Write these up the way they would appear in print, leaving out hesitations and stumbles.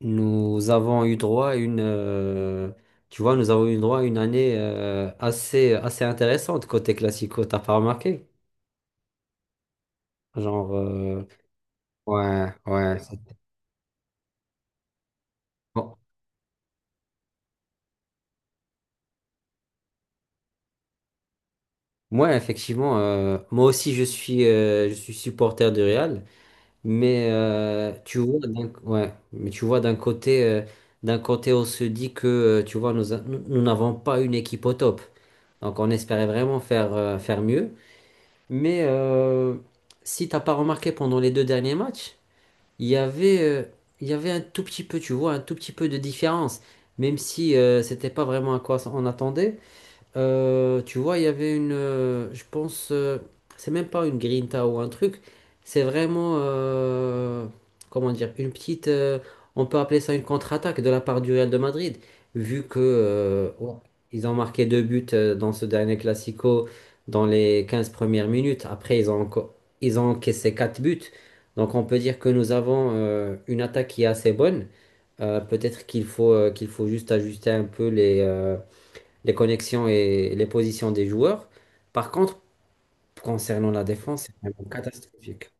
Nous avons eu droit à une, tu vois, nous avons eu droit à une année assez intéressante côté classico, t'as pas remarqué? Genre, ouais, ouais. Bon. Moi, effectivement, moi aussi, je suis supporter du Real, mais tu vois, ouais, mais tu vois, d'un côté, on se dit que, tu vois, nous, a- nous nous n'avons pas une équipe au top, donc on espérait vraiment faire mieux. Mais si t'as pas remarqué pendant les deux derniers matchs, il y avait, euh, il y avait un tout petit peu, tu vois, un tout petit peu de différence. Même si c'était pas vraiment à quoi on attendait, tu vois, il y avait une, je pense, c'est même pas une grinta ou un truc, c'est vraiment, comment dire, on peut appeler ça une contre-attaque de la part du Real de Madrid, vu que ouais, ils ont marqué deux buts dans ce dernier Classico dans les 15 premières minutes. Après, ils ont encaissé quatre buts. Donc, on peut dire que nous avons une attaque qui est assez bonne. Peut-être qu'il faut juste ajuster un peu les connexions et les positions des joueurs. Par contre, concernant la défense, c'est vraiment catastrophique.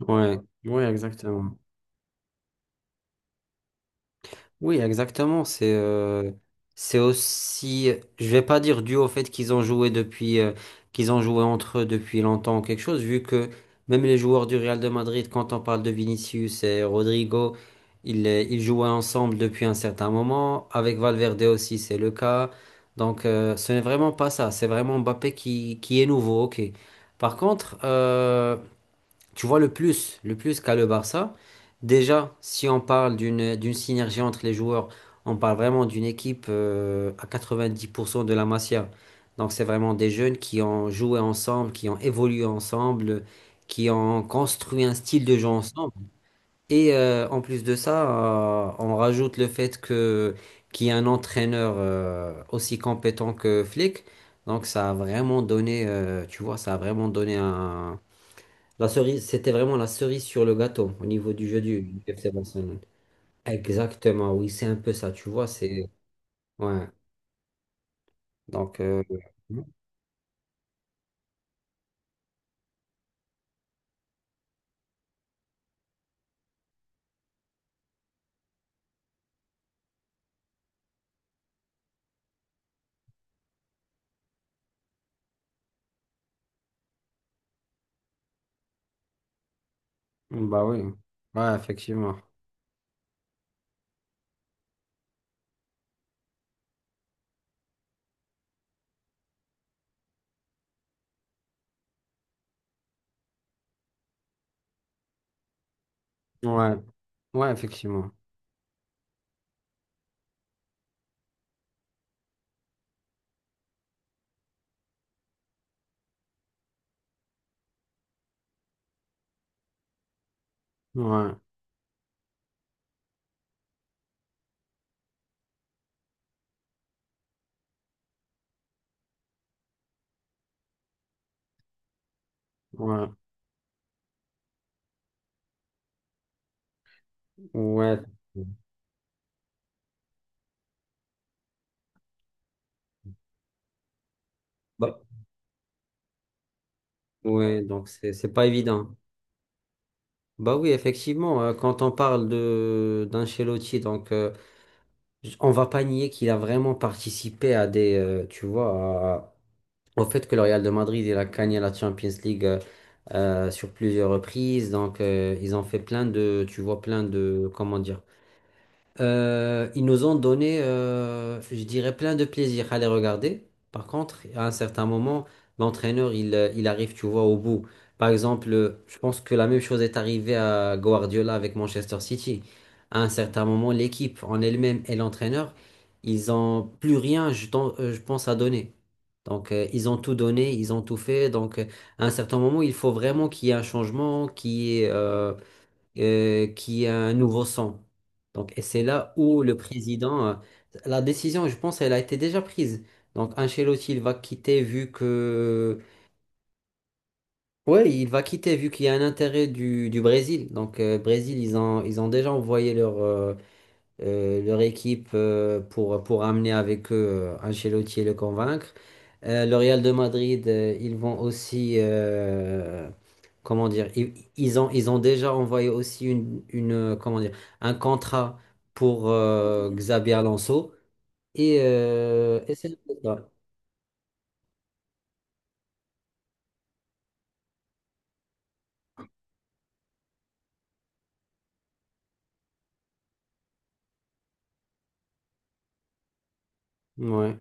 Ouais, ouais, exactement. Oui, exactement. C'est aussi, je vais pas dire dû au fait qu'ils ont joué entre eux depuis longtemps ou quelque chose, vu que même les joueurs du Real de Madrid, quand on parle de Vinicius et Rodrigo, ils jouaient ensemble depuis un certain moment. Avec Valverde aussi, c'est le cas. Donc, ce n'est vraiment pas ça. C'est vraiment Mbappé qui est nouveau, ok. Par contre, tu vois, le plus qu'a le Barça, déjà, si on parle d'une synergie entre les joueurs, on parle vraiment d'une équipe à 90% de la Masia. Donc, c'est vraiment des jeunes qui ont joué ensemble, qui ont évolué ensemble, qui ont construit un style de jeu ensemble. Et en plus de ça, on rajoute le fait que qu'il y a un entraîneur aussi compétent que Flick. Donc, ça a vraiment donné c'était vraiment la cerise sur le gâteau au niveau du jeu du FC Barcelone. Exactement, oui, c'est un peu ça, tu vois, Ouais, donc. Bah oui, ouais, effectivement. Ouais, ouais, effectivement. Ouais, ouais, ouais. Bah, ouais, donc c'est pas évident. Bah oui, effectivement, quand on parle de d'Ancelotti, donc on va pas nier qu'il a vraiment participé à tu vois, au fait que le Real de Madrid, il a gagné la Champions League sur plusieurs reprises. Donc, ils ont fait plein de, tu vois, plein de, comment dire, ils nous ont donné, je dirais, plein de plaisir à les regarder. Par contre, à un certain moment, l'entraîneur, il arrive, tu vois, au bout. Par exemple, je pense que la même chose est arrivée à Guardiola avec Manchester City. À un certain moment, l'équipe en elle-même et l'entraîneur, ils ont plus rien, je pense, à donner. Donc, ils ont tout donné, ils ont tout fait. Donc, à un certain moment, il faut vraiment qu'il y ait un changement, qu'il y ait un nouveau sang. Donc, et c'est là où le président, la décision, je pense, elle a été déjà prise. Donc, Ancelotti, il va quitter vu que, ouais, il va quitter vu qu'il y a un intérêt du Brésil. Donc, Brésil, ils ont déjà envoyé leur équipe pour amener avec eux Ancelotti et le convaincre. Le Real de Madrid, ils vont aussi, comment dire, ils ont déjà envoyé aussi comment dire, un contrat pour Xabi Alonso. Et c'est ça. Ouais.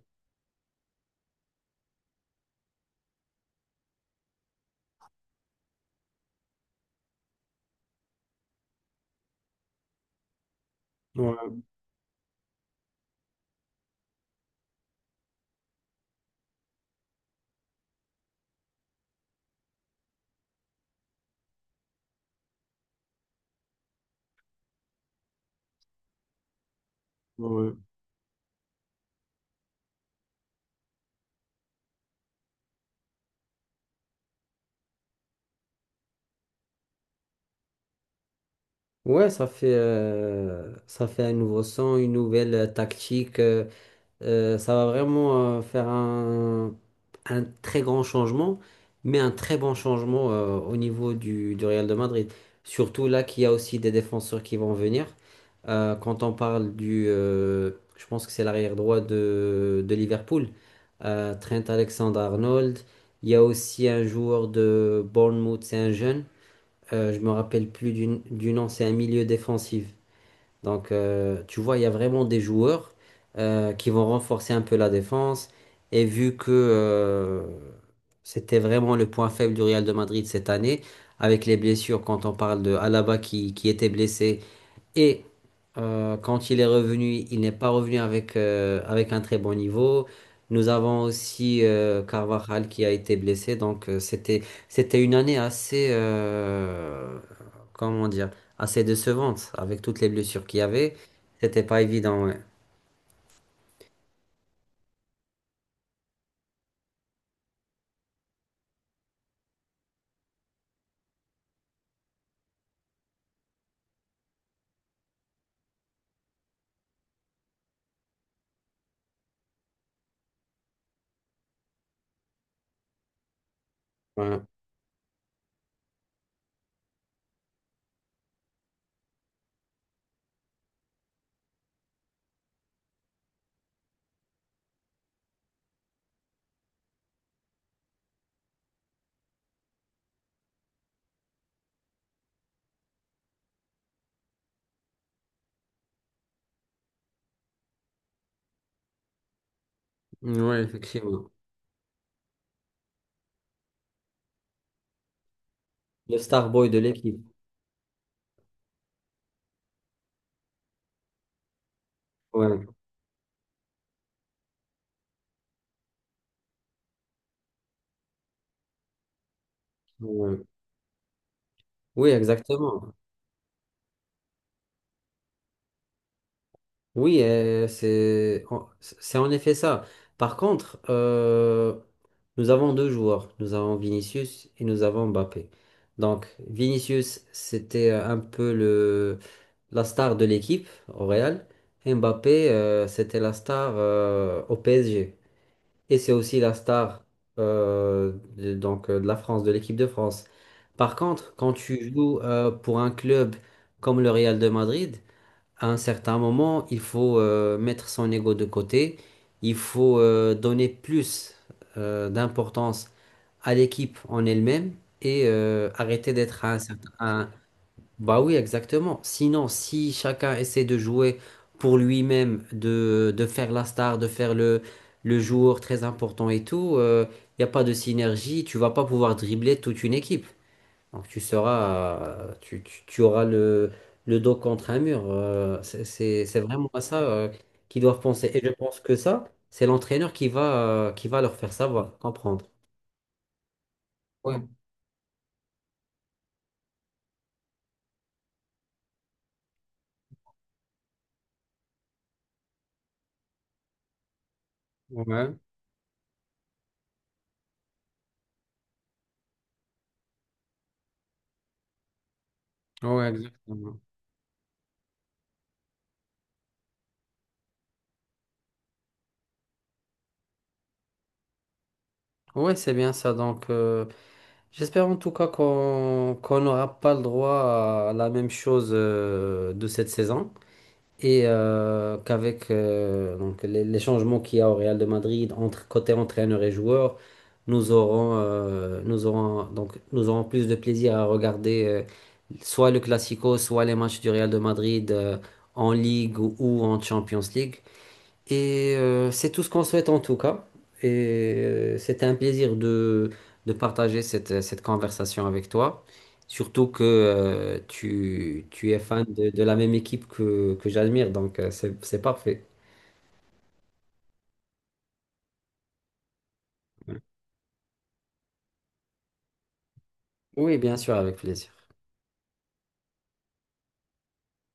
Ouais, ouais. Ouais, ça fait un nouveau son, une nouvelle tactique. Ça va vraiment faire un très grand changement, mais un très bon changement au niveau du Real de Madrid. Surtout là qu'il y a aussi des défenseurs qui vont venir. Quand on parle je pense que c'est l'arrière droit de Liverpool, Trent Alexander-Arnold. Il y a aussi un joueur de Bournemouth, c'est un jeune. Je me rappelle plus du nom, c'est un milieu défensif. Donc, tu vois, il y a vraiment des joueurs qui vont renforcer un peu la défense. Et vu que c'était vraiment le point faible du Real de Madrid cette année, avec les blessures, quand on parle de Alaba qui était blessé, et quand il est revenu, il n'est pas revenu avec un très bon niveau. Nous avons aussi Carvajal qui a été blessé. Donc c'était une année comment dire, assez décevante avec toutes les blessures qu'il y avait. C'était pas évident, ouais. Ouais, ouais, effectivement. Le star boy de l'équipe. Ouais. Ouais. Oui, exactement. Oui, c'est en effet ça. Par contre, nous avons deux joueurs. Nous avons Vinicius et nous avons Mbappé. Donc, Vinicius, c'était un peu la star de l'équipe au Real. Et Mbappé, c'était la star au PSG. Et c'est aussi la star de la France, de l'équipe de France. Par contre, quand tu joues pour un club comme le Real de Madrid, à un certain moment, il faut mettre son ego de côté, il faut donner plus d'importance à l'équipe en elle-même et arrêter d'être un certain. Bah oui, exactement. Sinon, si chacun essaie de jouer pour lui-même, de faire la star, de faire le joueur très important et tout, il n'y a pas de synergie, tu vas pas pouvoir dribbler toute une équipe. Donc tu seras, tu, tu- tu auras le dos contre un mur. C'est vraiment à ça qu'ils doivent penser. Et je pense que ça, c'est l'entraîneur qui va leur faire savoir, comprendre. Ouais, ouais, ouais, exactement. Ouais, c'est bien ça. Donc, j'espère en tout cas qu'on n'aura pas le droit à la même chose de cette saison. Et qu'avec donc les changements qu'il y a au Real de Madrid entre côté entraîneur et joueur, nous aurons plus de plaisir à regarder soit le Classico, soit les matchs du Real de Madrid en Ligue ou en Champions League. Et c'est tout ce qu'on souhaite en tout cas. Et c'était un plaisir de partager cette conversation avec toi. Surtout que tu es fan de la même équipe que j'admire, donc c'est parfait. Oui, bien sûr, avec plaisir.